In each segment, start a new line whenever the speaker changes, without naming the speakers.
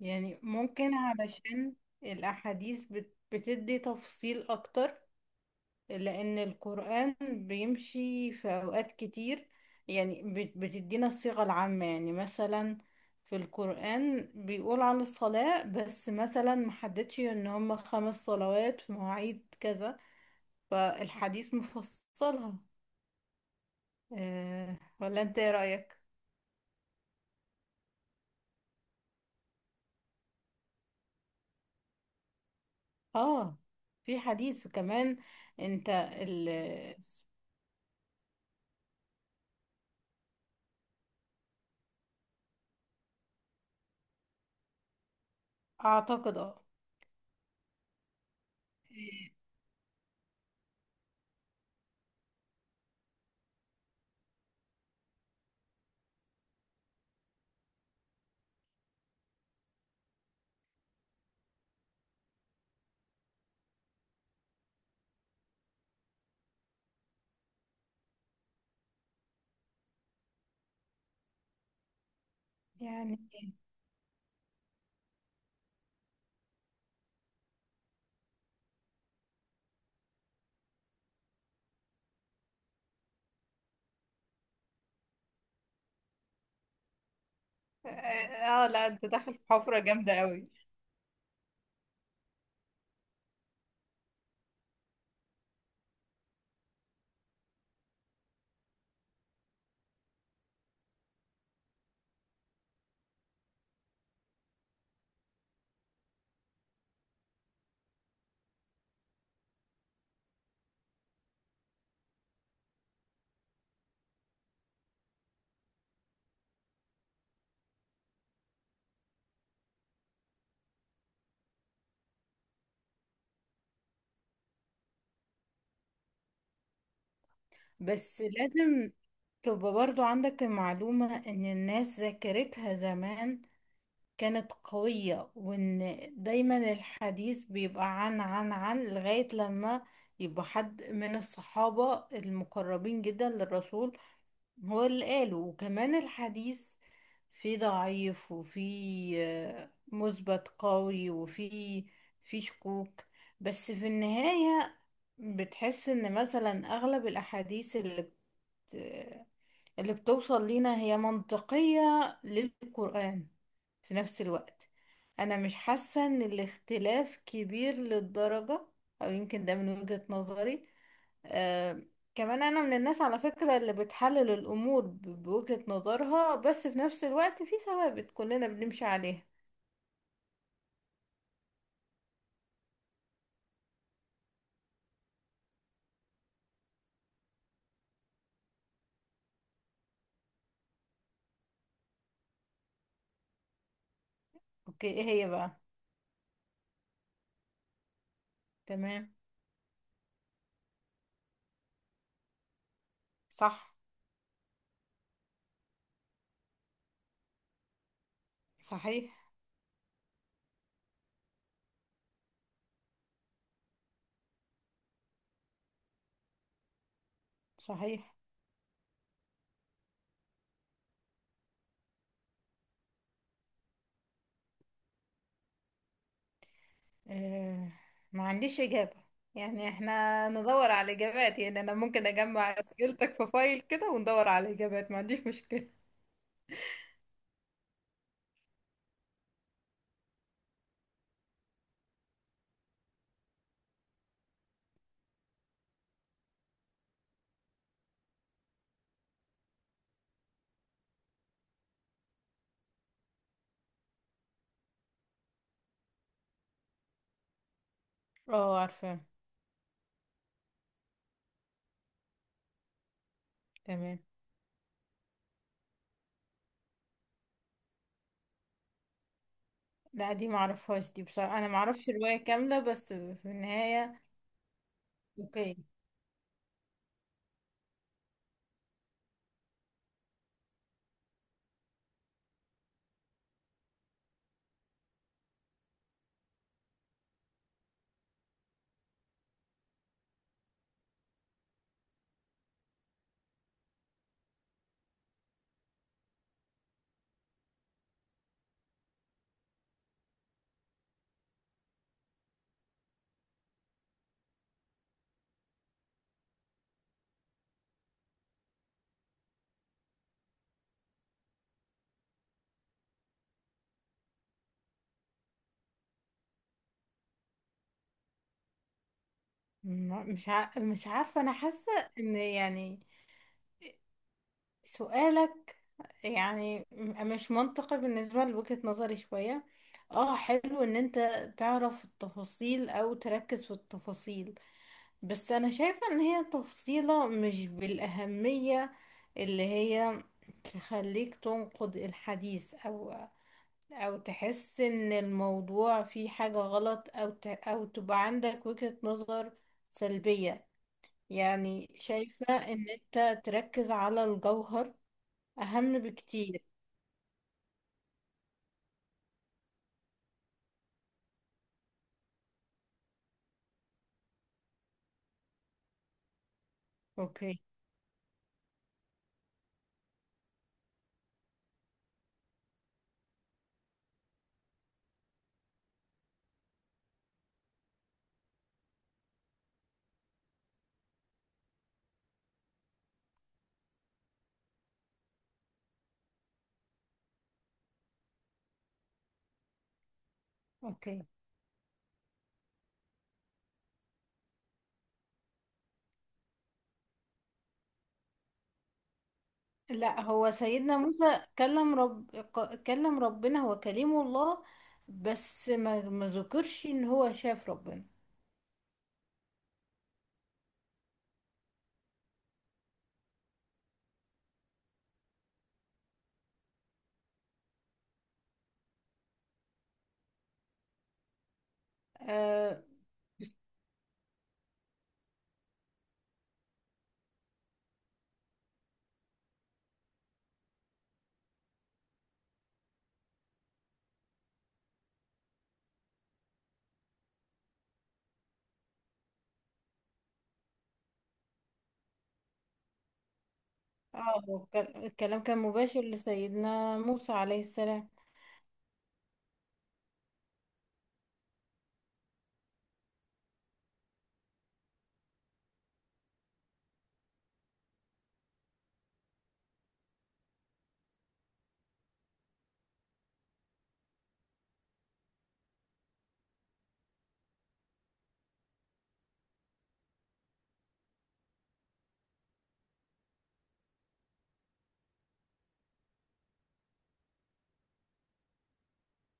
يعني ممكن علشان الأحاديث بتدي تفصيل أكتر، لأن القرآن بيمشي في أوقات كتير. يعني بتدينا الصيغة العامة، يعني مثلا في القرآن بيقول عن الصلاة، بس مثلا محددش إن هما 5 صلوات في مواعيد كذا، فالحديث مفصلها. أه، ولا أنت إيه رأيك؟ آه، في حديث. وكمان أنت ال أعتقد. يعني اه، لا، انت داخل في حفرة جامدة قوي. بس لازم تبقى برضو عندك المعلومة ان الناس ذاكرتها زمان كانت قوية، وان دايما الحديث بيبقى عن لغاية لما يبقى حد من الصحابة المقربين جدا للرسول هو اللي قاله. وكمان الحديث فيه ضعيف، وفيه مثبت قوي، وفيه شكوك. بس في النهاية بتحس ان مثلا اغلب الاحاديث اللي بتوصل لينا هي منطقية للقرآن. في نفس الوقت انا مش حاسة ان الاختلاف كبير للدرجة، او يمكن ده من وجهة نظري. آه كمان انا من الناس على فكرة اللي بتحلل الامور بوجهة نظرها، بس في نفس الوقت في ثوابت كلنا بنمشي عليها. اوكي، ايه هي بقى؟ تمام. صح. صحيح. صحيح. آه، ما عنديش اجابة. يعني احنا ندور على اجابات. يعني انا ممكن اجمع اسئلتك في فايل كده وندور على اجابات، ما عنديش مشكلة. اه، عارفة. تمام. لا، دي معرفهاش، دي بصراحة انا معرفش الرواية كاملة، بس في النهاية. اوكي. مش عارفة. انا حاسة ان يعني سؤالك يعني مش منطقي بالنسبة لوجهة نظري شوية. اه، حلو ان انت تعرف التفاصيل او تركز في التفاصيل. بس انا شايفة ان هي تفصيلة مش بالاهمية اللي هي تخليك تنقد الحديث، او تحس ان الموضوع فيه حاجة غلط، او تبقى عندك وجهة نظر سلبية. يعني شايفة ان انت تركز على الجوهر اهم بكتير. اوكي. اوكي. لا، هو سيدنا موسى كلم ربنا، هو كليم الله. بس ما ذكرش ان هو شاف ربنا. اه. هو الكلام كان مباشر لسيدنا موسى عليه السلام.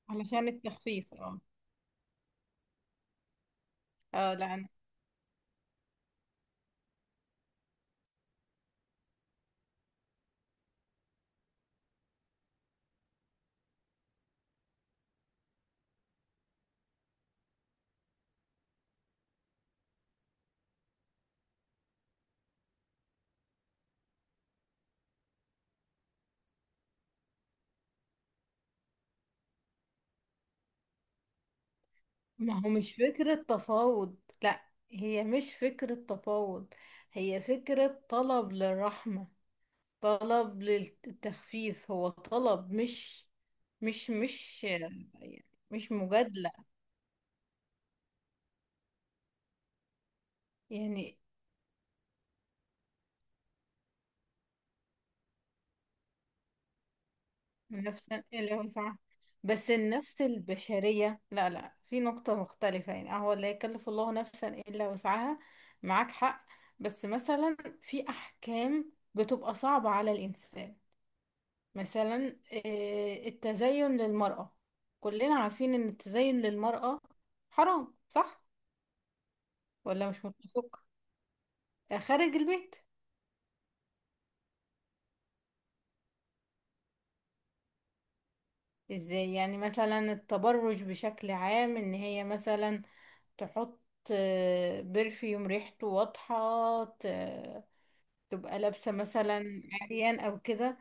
علشان التخفيف، اه. اه، لا، ما هو مش فكرة تفاوض، لا. هي مش فكرة تفاوض. هي فكرة طلب للرحمة. طلب للتخفيف، هو طلب مش يعني مش مجادلة. يعني نفس لو سمحت. بس النفس البشرية لا، لا، في نقطة مختلفة. يعني هو لا يكلف الله نفسا إلا وسعها. معاك حق. بس مثلا في أحكام بتبقى صعبة على الإنسان. مثلا التزين للمرأة، كلنا عارفين ان التزين للمرأة حرام، صح ولا مش متفق؟ خارج البيت. ازاي؟ يعني مثلا التبرج بشكل عام، ان هي مثلا تحط برفيوم ريحته واضحة، تبقى لابسة مثلا عريان او كده.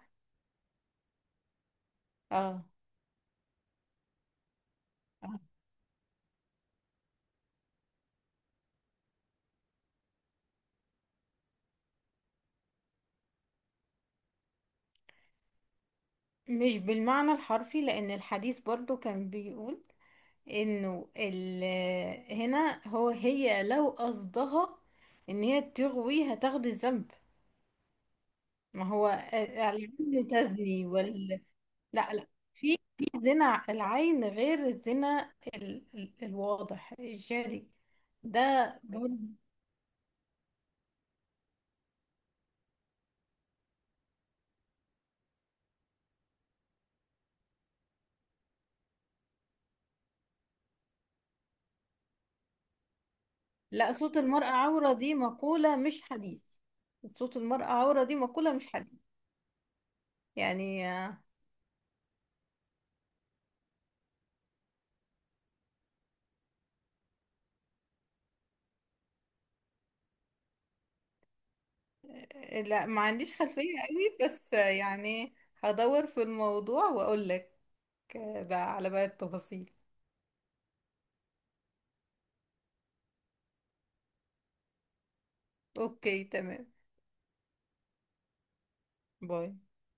اه. آه. مش بالمعنى الحرفي، لان الحديث برضو كان بيقول انه هنا هي لو قصدها ان هي تغوي هتاخد الذنب. ما هو العين تزني. لا، لا، في زنا العين غير الزنا الواضح الجاري. ده برضه. لا، صوت المرأة عورة دي مقولة مش حديث. صوت المرأة عورة دي مقولة مش حديث. يعني لا، ما عنديش خلفية قوي، بس يعني هدور في الموضوع واقول لك. ده على بقى التفاصيل. اوكي تمام. باي.